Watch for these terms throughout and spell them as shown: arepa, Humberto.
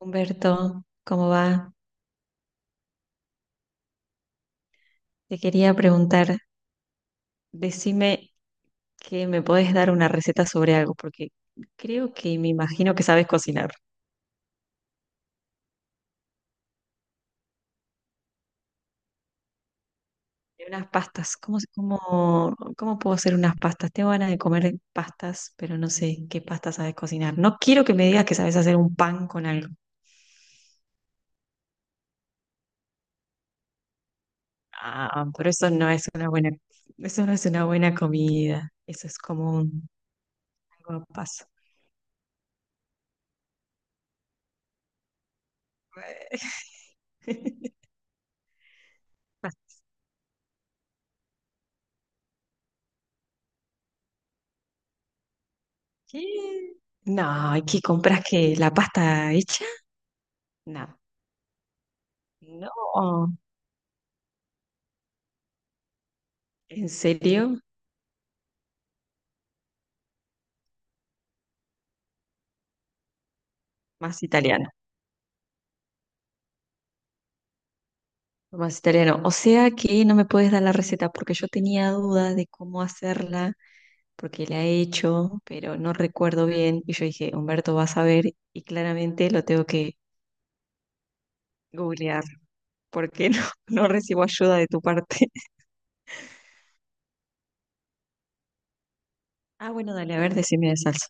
Humberto, ¿cómo va? Te quería preguntar, decime que me podés dar una receta sobre algo, porque creo que me imagino que sabes cocinar. De unas pastas, ¿cómo puedo hacer unas pastas? Tengo ganas de comer pastas, pero no sé qué pastas sabes cocinar. No quiero que me digas que sabes hacer un pan con algo. Ah, pero eso no es una buena, eso no es una buena comida. Eso es como un algo a paso. ¿Qué? No, ¿y qué compras que la pasta hecha? No, no, en serio, más italiano, más italiano. O sea que no me puedes dar la receta porque yo tenía dudas de cómo hacerla, porque la he hecho, pero no recuerdo bien. Y yo dije, Humberto va a saber, y claramente lo tengo que googlear porque no, no recibo ayuda de tu parte. Ah, bueno, dale, a ver, decime de salsa.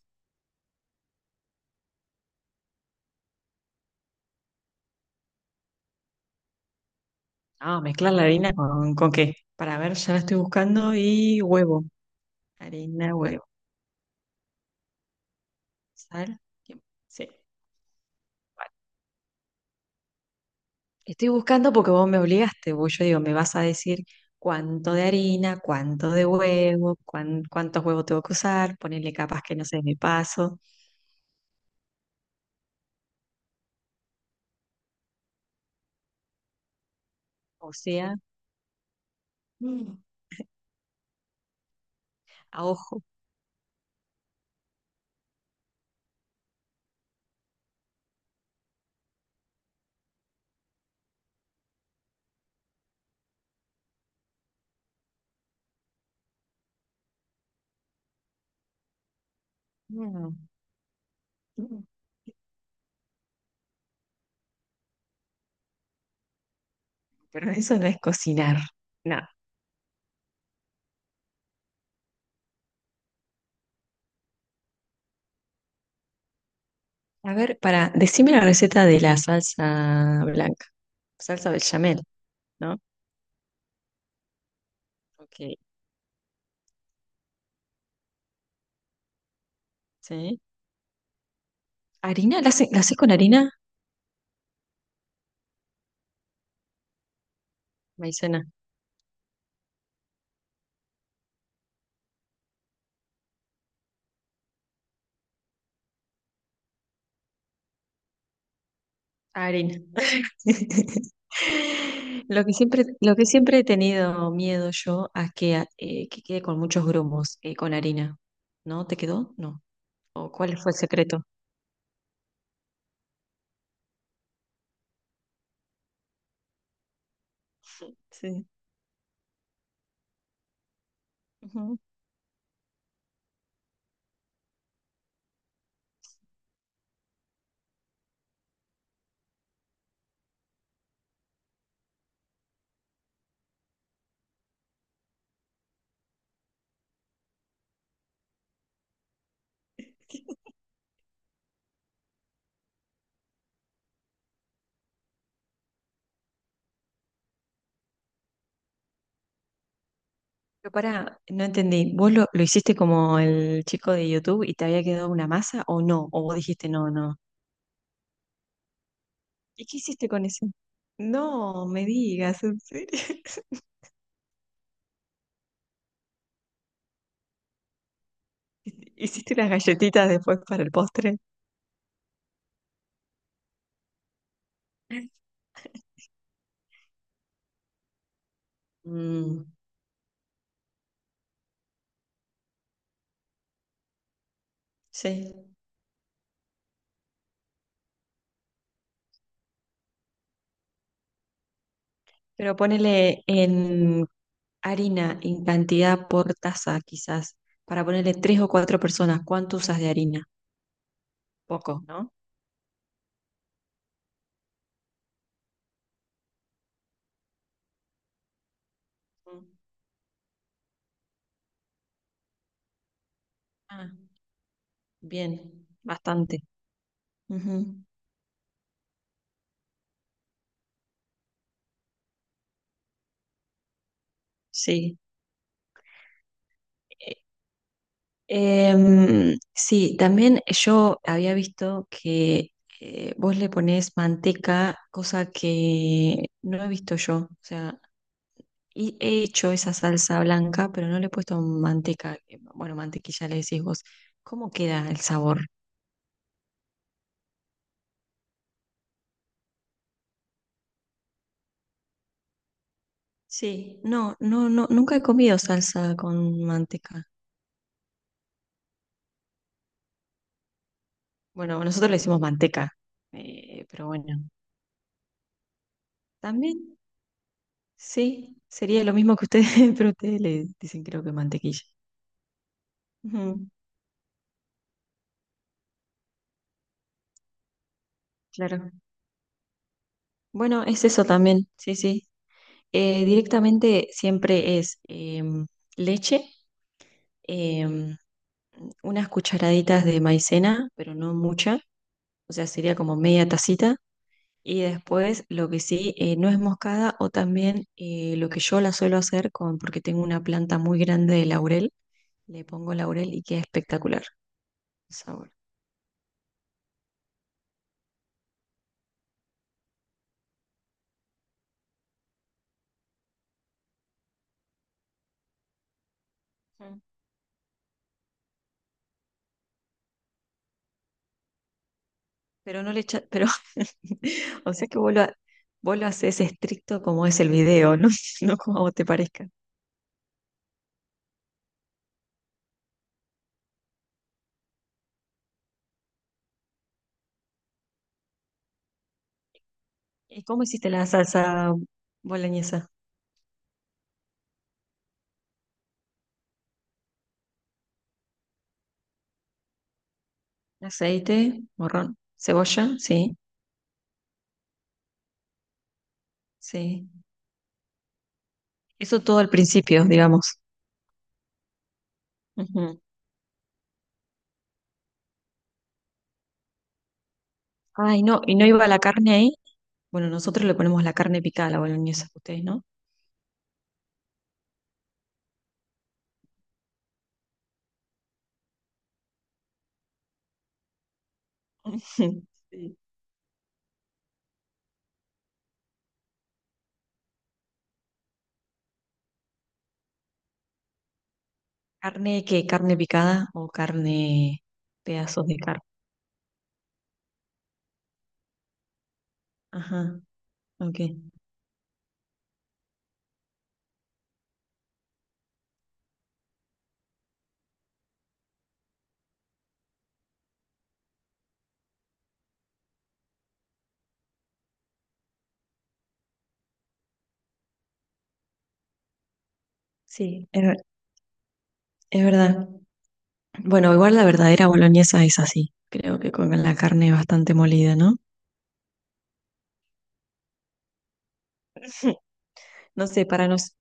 Ah, mezclar la harina con qué. Para ver, ya la estoy buscando y huevo. Harina, huevo. Sal. Tiempo. Sí. Vale. Estoy buscando porque vos me obligaste, vos yo digo, me vas a decir cuánto de harina, cuánto de huevo, cuántos huevos tengo que usar, ponerle capas que no sé, me paso, o sea, Mm, a ojo. Mm, mm. Pero eso no es cocinar, no. A ver, para, decime la receta de la salsa blanca, salsa bechamel, ¿no? Ok, sí. ¿Harina? ¿La haces con harina? Maicena. Arena. Lo que siempre he tenido miedo yo a que quede con muchos grumos, con harina. ¿No? ¿Te quedó? No. ¿O cuál fue el secreto? Sí. Ujú. Pero pará, no entendí. ¿Vos lo hiciste como el chico de YouTube y te había quedado una masa o no? ¿O vos dijiste no, no? ¿Y qué hiciste con eso? No, me digas, ¿en serio? ¿Hiciste las galletitas después para el postre? Mm, sí. Pero ponele en harina, en cantidad por taza, quizás, para ponerle tres o cuatro personas. ¿Cuánto usas de harina? Poco, ¿no? Mm. Ah, bien, bastante. Ujú, sí. Sí, también yo había visto que vos le ponés manteca, cosa que no he visto yo. O sea, y he hecho esa salsa blanca, pero no le he puesto manteca. Que, bueno, mantequilla le decís vos. ¿Cómo queda el sabor? Sí, no, no, no, nunca he comido salsa con manteca. Bueno, nosotros le decimos manteca, pero bueno, también sí, sería lo mismo que ustedes, pero ustedes le dicen creo que mantequilla. Ujú, claro. Bueno, es eso también, sí, sí. Directamente siempre es leche, em, unas cucharaditas de maicena, pero no mucha, o sea, sería como media tacita. Y después lo que sí, nuez moscada o también lo que yo la suelo hacer con, porque tengo una planta muy grande de laurel, le pongo laurel y queda espectacular el sabor. Pero no le echa, pero. O sea que vos lo haces estricto como es el video, ¿no? No como a vos te parezca. ¿Y cómo hiciste la salsa boloñesa? Aceite, morrón, cebolla, sí, sí. Eso todo al principio, digamos. Ujú. Ay, no, ¿y no iba la carne ahí? Bueno, nosotros le ponemos la carne picada a la boloñesa, ustedes, ¿no? Sí. ¿Carne qué? ¿Carne picada o carne, pedazos de carne? Ajá, ok. Sí, es verdad. Bueno, igual la verdadera boloñesa es así. Creo que con la carne bastante molida, ¿no? No sé, para nos,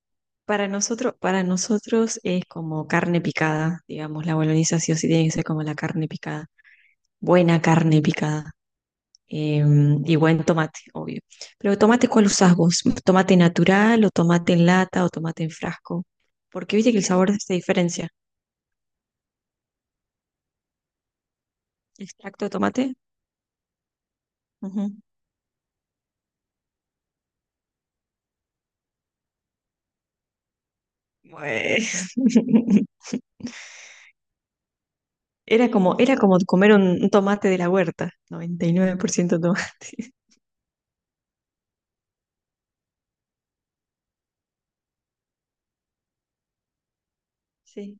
para nosotros, para nosotros es como carne picada, digamos, la boloñesa sí o sí tiene que ser como la carne picada. Buena carne picada. eh, y buen tomate, obvio. Pero tomate, ¿cuál usás vos? ¿Tomate natural o tomate en lata o tomate en frasco? Porque viste que el sabor se diferencia. ¿Extracto de tomate? Ujú. Bueno. Era como comer un tomate de la huerta, 99% tomate. Sí.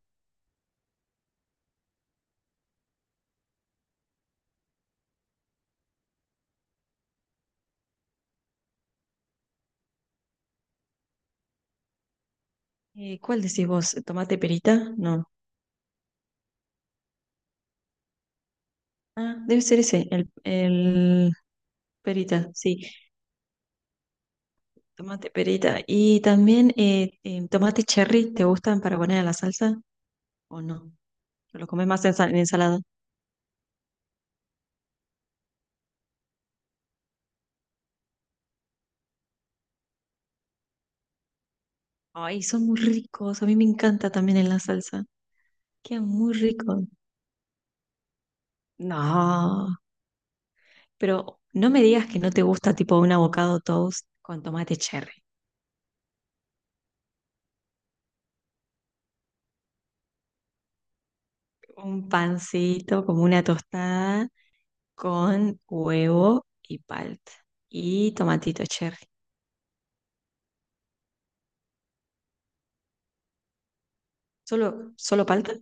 ¿Cuál decís vos? ¿Tomate perita? No. Ah, debe ser ese, el perita, sí, tomate perita. Y también tomate cherry, ¿te gustan para poner a la salsa o no? ¿O lo comes más en ensalada? Ay, son muy ricos, a mí me encanta también en la salsa. Quedan muy ricos. No, pero no me digas que no te gusta tipo un avocado toast con tomate cherry. Un pancito como una tostada con huevo y palta. Y tomatito cherry. ¿Solo, solo palta?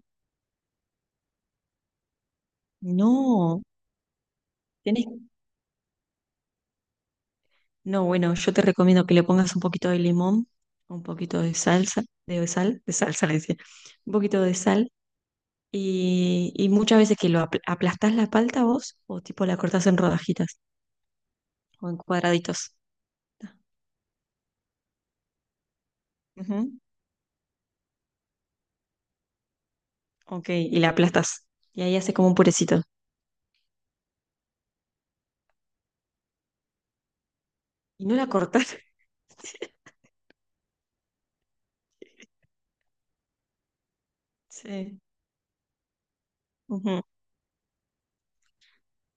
No, tenés. No, bueno, yo te recomiendo que le pongas un poquito de limón, un poquito de salsa, de sal, de salsa le decía, un poquito de sal. Y muchas veces que lo aplastás la palta vos, o tipo la cortás en rodajitas o en cuadraditos. Ujú, ok, y la aplastás. Y ahí hace como un purecito. Y no la cortás. Sí, ujú.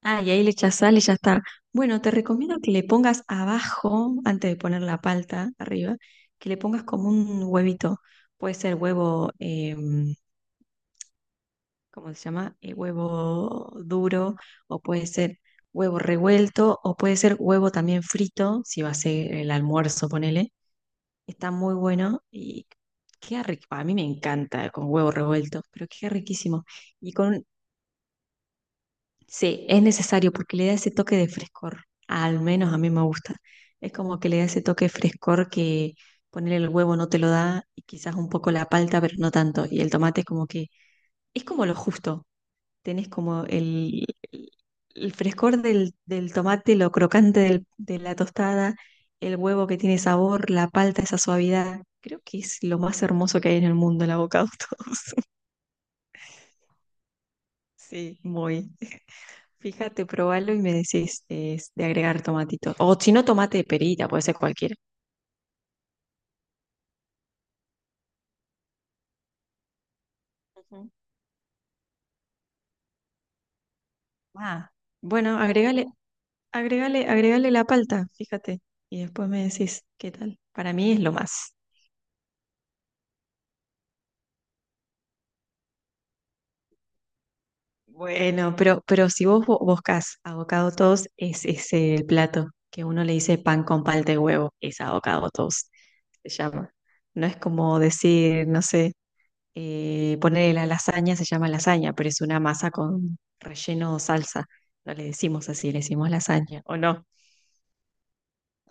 Ah, y ahí le echas sal y ya está. Bueno, te recomiendo que le pongas abajo, antes de poner la palta arriba, que le pongas como un huevito. Puede ser huevo, ¿cómo se llama? Huevo duro, o puede ser huevo revuelto, o puede ser huevo también frito, si va a ser el almuerzo, ponele. Está muy bueno y queda rico. A mí me encanta con huevo revuelto, pero queda riquísimo. Y con. Sí, es necesario porque le da ese toque de frescor. Al menos a mí me gusta. Es como que le da ese toque de frescor que ponerle el huevo no te lo da y quizás un poco la palta, pero no tanto. Y el tomate es como que es como lo justo. Tenés como el- el frescor del tomate, lo crocante de la tostada, el huevo que tiene sabor, la palta, esa suavidad. Creo que es lo más hermoso que hay en el mundo, el avocado toast. Sí, muy. Fíjate, probalo y me decís de agregar tomatito. O si no, tomate de perita, puede ser cualquiera. Ujú. Ah, bueno, agregale, agregale, agregale la palta, fíjate. Y después me decís qué tal. Para mí es lo más. Bueno, pero si vos buscás avocado toast, es ese el plato que uno le dice pan con palta y huevo. Es avocado toast, se llama. No es como decir, no sé, ponerle la lasaña, se llama lasaña, pero es una masa con relleno o salsa. No le decimos así, le decimos lasaña, ¿o no?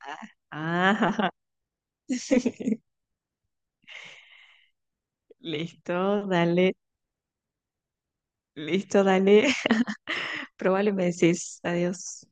Ah, ah, listo, dale, listo, dale. Probable me decís, adiós.